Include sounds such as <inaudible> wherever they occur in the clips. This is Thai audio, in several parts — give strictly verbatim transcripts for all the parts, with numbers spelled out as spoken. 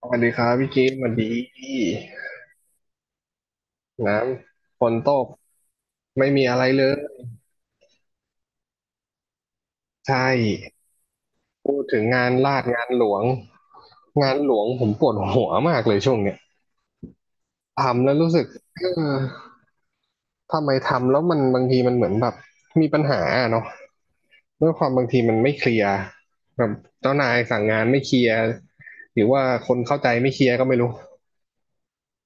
สวัสดีครับพี่กิฟต์สวัสดีพี่น้ำฝนตกไม่มีอะไรเลยใช่พูดถึงงานลาดงานหลวงงานหลวงผมปวดหัวมากเลยช่วงเนี้ยทำแล้วรู้สึกเออทำไมทำแล้วมันบางทีมันเหมือนแบบมีปัญหาอะเนาะด้วยความบางทีมันไม่เคลียร์แบบเจ้านายสั่งงานไม่เคลียร์หรือว่าคนเข้าใจไม่เคลียร์ก็ไม่รู้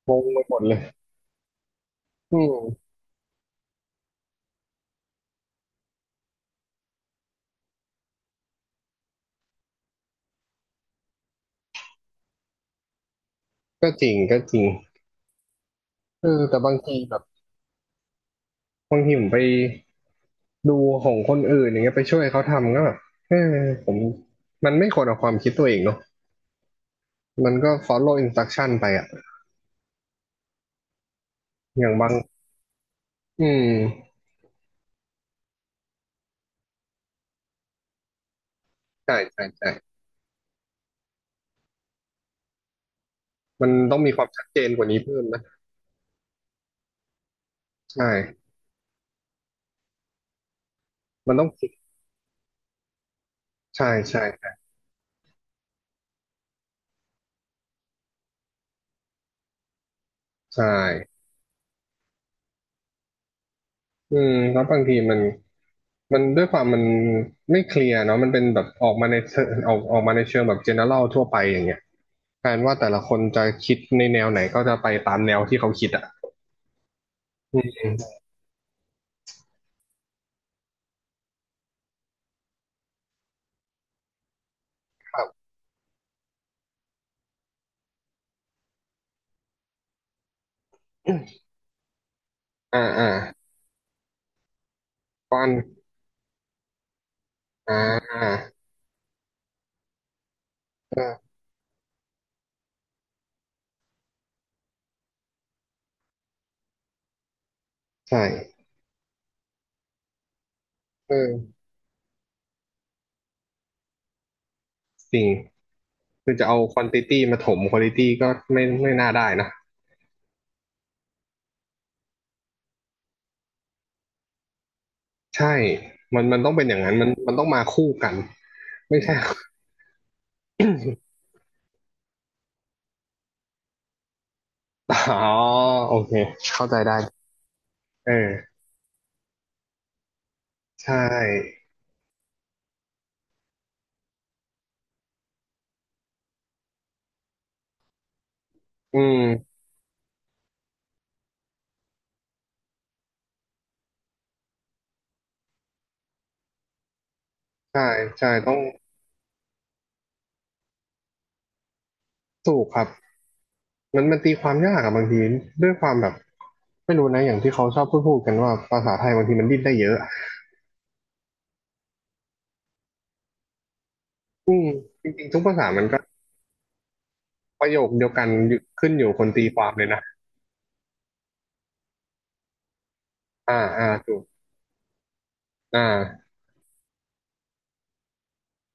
งงไปหมดเลยอืมก็จริงก็จริงเออแต่บางทีแบบบางทีผมไป ดูของคนอื่นอย่างเงี้ยไปช่วยเขาทำก็แบบเออผมมันไม่ควรเอาความคิดตัวเองเนาะมันก็ follow instruction ไปอะอย่างบางอืมใช่ใช่ใช่มันต้องมีความชัดเจนกว่านี้เพิ่มนะใช่มันต้องคิดใช่ใช่ใช่อืมแล้วบางทีมันมันด้วยความมันไม่เคลียร์เนาะมันเป็นแบบออกมาในเชิงออกออกมาในเชิงแบบ general ทั่วไปอย่างเงี้ยแทนว่าแต่ละคนจะคิดในแนวไหนก็จะไปตามแนวที่เขาคิดอ่ะอืมครับอ่าอ่า ก้อนอ่าก็ใช่เออจริงคือจะเอาควอนติตี้มาถมควอลิตี้ก็ไม่ไม่น่าได้นะใช่มันมันต้องเป็นอย่างนั้นมันมันต้องมาคู่กันไม่ใช่ <laughs> อ๋อโอเคเข้าใจได้เออใช่อืมใช่ใช่ต้องถูกครับมันมันตีความยากอะบางทีด้วยความแบบไม่รู้นะอย่างที่เขาชอบพูดพูดกันว่าภาษาไทยบางทีมันดิ้นได้เยอะจริงๆทุกภาษามันก็ประโยคเดียวกันอยู่ขึ้นอยู่คนตีความเลยนะอ่าอ่าถูก อ่า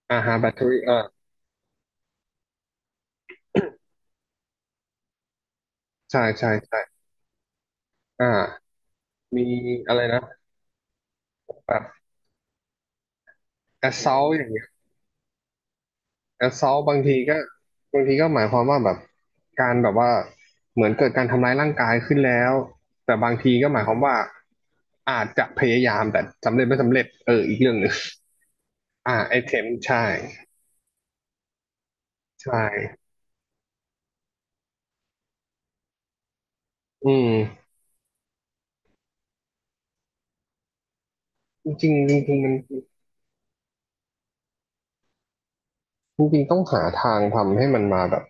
อ่าฮะแบตเตอรี่อ่าใช่ใช่ใช่อ่ามีอะไรนะแบบแอสซอลอย่างเงี้ยแอสซอลบางทีก็บางทีก็หมายความว่าแบบการแบบว่าเหมือนเกิดการทำร้ายร่างกายขึ้นแล้วแต่บางทีก็หมายความว่าอาจจะพยายามแต่สำเร็จไม่สำเร็จเอออีกเรื่องหนึ่งอ่าไอเทมใช่ใช่อืมจริงๆจริงๆมัน จริงๆต้องหาทางทำให้มันมาแบบ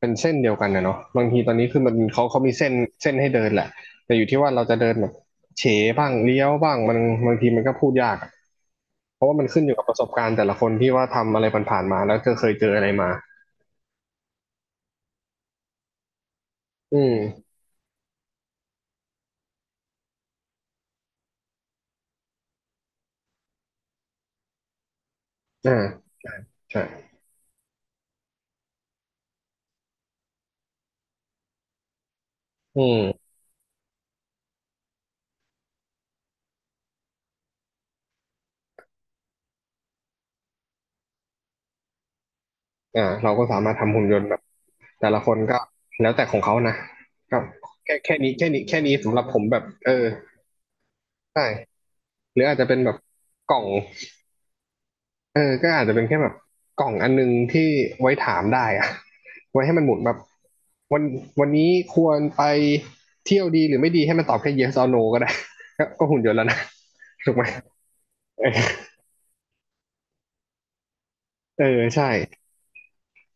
เป็นเส้นเดียวกันนะเนาะบางทีตอนนี้คือมันเขาเขามีเส้นเส้นให้เดินแหละแต่อยู่ที่ว่าเราจะเดินแบบเฉบ้างเลี้ยวบ้างมันบางทีมันก็พูดยากอะเพราะว่ามันขึ้นอยู่กับประสบการณ์แต่ละคนที่ว่าทำอะไรผ่านๆมาแล้วก็เคยเจออะไรมาอืมอ่าใช่อืมอ่าเราก็สามารถทำหุ่นยนต์แบบแต่ละคนก็แล้วแต่ของเขานะก็แค่แค่นี้แค่นี้แค่นี้สำหรับผมแบบเออใช่หรืออาจจะเป็นแบบกล่อง เออก็อาจจะเป็นแค่แบบกล่องอันนึงที่ไว้ถามได้อะ <laughs> ไว้ให้มันหมุนแบบวันวันนี้ควรไปเที่ยวดีหรือไม่ดีให้มันตอบแค่ yes or no ก็ได้ <laughs> ก็ก็หุ่นยนต์แล้วนะ <laughs> ถูกไหมเออเออใช่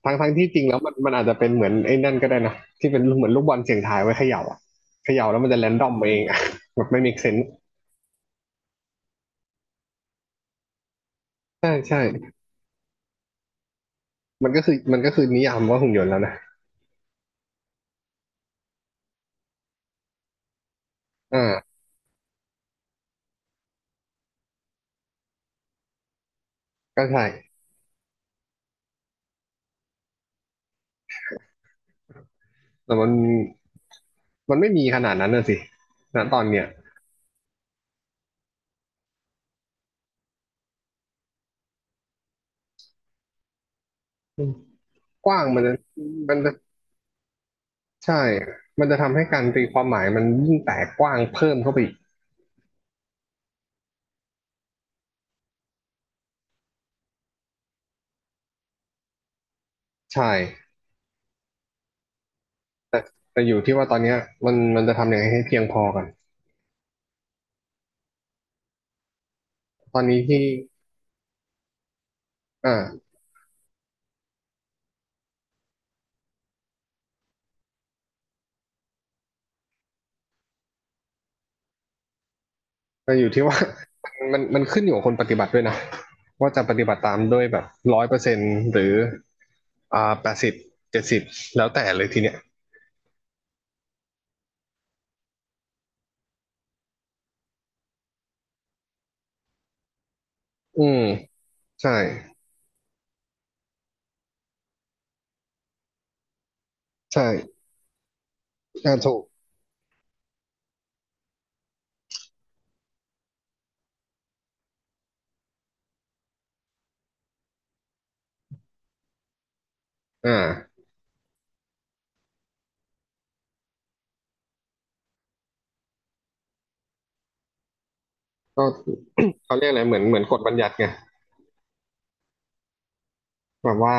ทั้งทั้งที่จริงแล้วมันมันอาจจะเป็นเหมือนไอ้นั่นก็ได้นะที่เป็นเหมือนลูกบอลเสี่ยงทายไว้เขย่าอะเขย่าแล้วมันจะแรนดอมเองอะ <laughs> แบบไม่มีเซนส์ใช่ใช่มันก็คือมันก็คือนิยามว่าหุ่นยนต์แล้วนะอ่าก็ใช่แต่มันมันไม่มีขนาดนั้นนะสิณตอนเนี้ย กว้างมันจะมันจะใช่มันจะทำให้การตีความหมายมันยิ่งแตกกว้างเพิ่มเข้าไปอีกใช่แต่แต่อยู่ที่ว่าตอนเนี้ยมันมันจะทำยังไงให้เพียงพอกัน ตอนนี้ที่อ่าแต่อยู่ที่ว่า <laughs> มันมันมันขึ้นอยู่กับคนปฏิบัติด้วยนะ ว่าจะปฏิบัติตามด้วยแบบร้อยเปอร์เซ็นต์หรืออ่าแปดสิบเจ็ดสิบแล้วแต่เลยทีเนี้ยอืมใช่ใช่อ่าถูกอ่าก็เขาเรียกอะไรเหมือนเหมือนกฎบัญญัติไงแบบว่า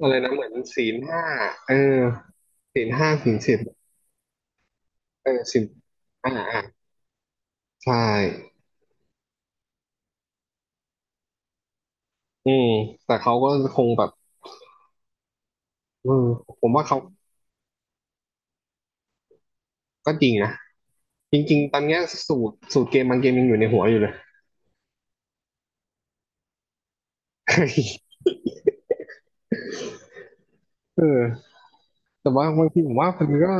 อะไรนะเหมือนศีลห้าเออ ศีลห้าศีลสิบเออศีลอ่าอ่าใช่อืมแต่เขาก็คงแบบเออผมว่าเขาก็จริงนะจริงๆตอนเนี้ยสูตรสูตรเกมบางเกมยังอยู่ในหัวอยู่เลย <laughs> เออแต่ว่าบางทีผมว่ามันก็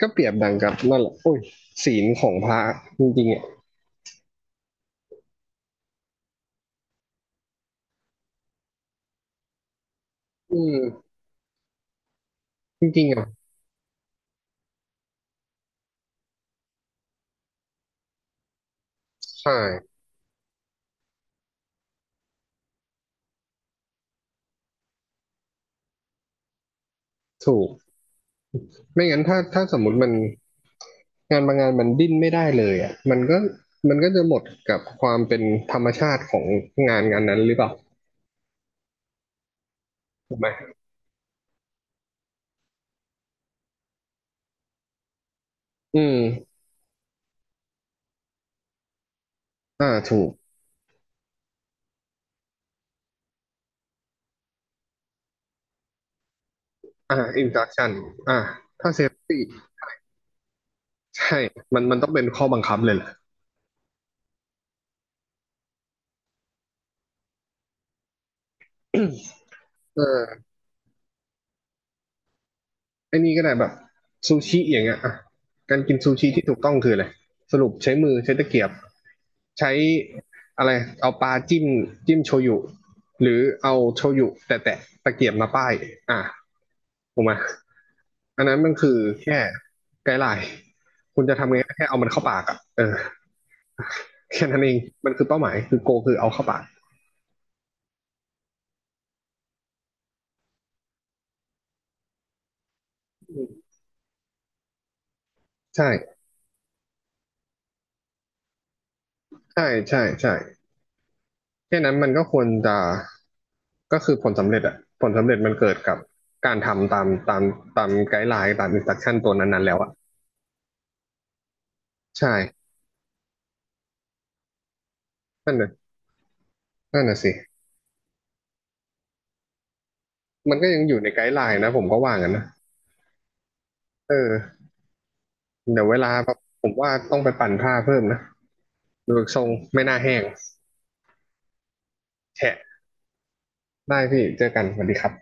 ก็เปรียบดังกับนั่นแหละโอ้ยศีลของพระจริงๆอ่ะอืมจริงๆอ่ะใช่ถูกไม่งั้นถ้าถ้าสมมติมันงานบางงานมันดิ้นไม่ได้เลยอ่ะมันก็มันก็จะหมดกับความเป็นธรรมชาติของงานงานนั้นหรือเปล่าถูกไหม อืมอ่าถูก อ่า induction อ่าถ้า safety ใช่มันมันต้องเป็นข้อบังคับเลยแหละเออไอ้นี่ก็ได้แบบซูชิอย่างเงี้ยอ่ะการกินซูชิที่ถูกต้องคืออะไรสรุปใช้มือใช้ตะเกียบใช้อะไรเอาปลาจิ้มจิ้มโชยุหรือเอาโชยุแต่แตะตะเกียบมาป้ายอ่าถูกไหมอันนั้นมันคือแค่ไกด์ไลน์คุณจะทำไงก็แค่เอามันเข้าปากอ่ะเออแค่นั้นเองมันคือเป้าหมายคือโกคือเอาเข้าปาก ใช่ ใช่ใช่ใช่แค่นั้นมันก็ควรจะ ก็คือผลสำเร็จอะผลสำเร็จมันเกิดกับการทำตามตามตามไกด์ไลน์ตามอินสตรัคชั่นตัวนั้นๆแล้วอะใช่นั่นน่ะนั่นน่ะสิมันก็ยังอยู่ในไกด์ไลน์นะผมก็ว่างั้นนะเออเดี๋ยวเวลาผมว่าต้องไปปั่นผ้าเพิ่มนะดูทรงไม่น่าแห้งแฉะได้พี่เจอกันสวัสดีครับ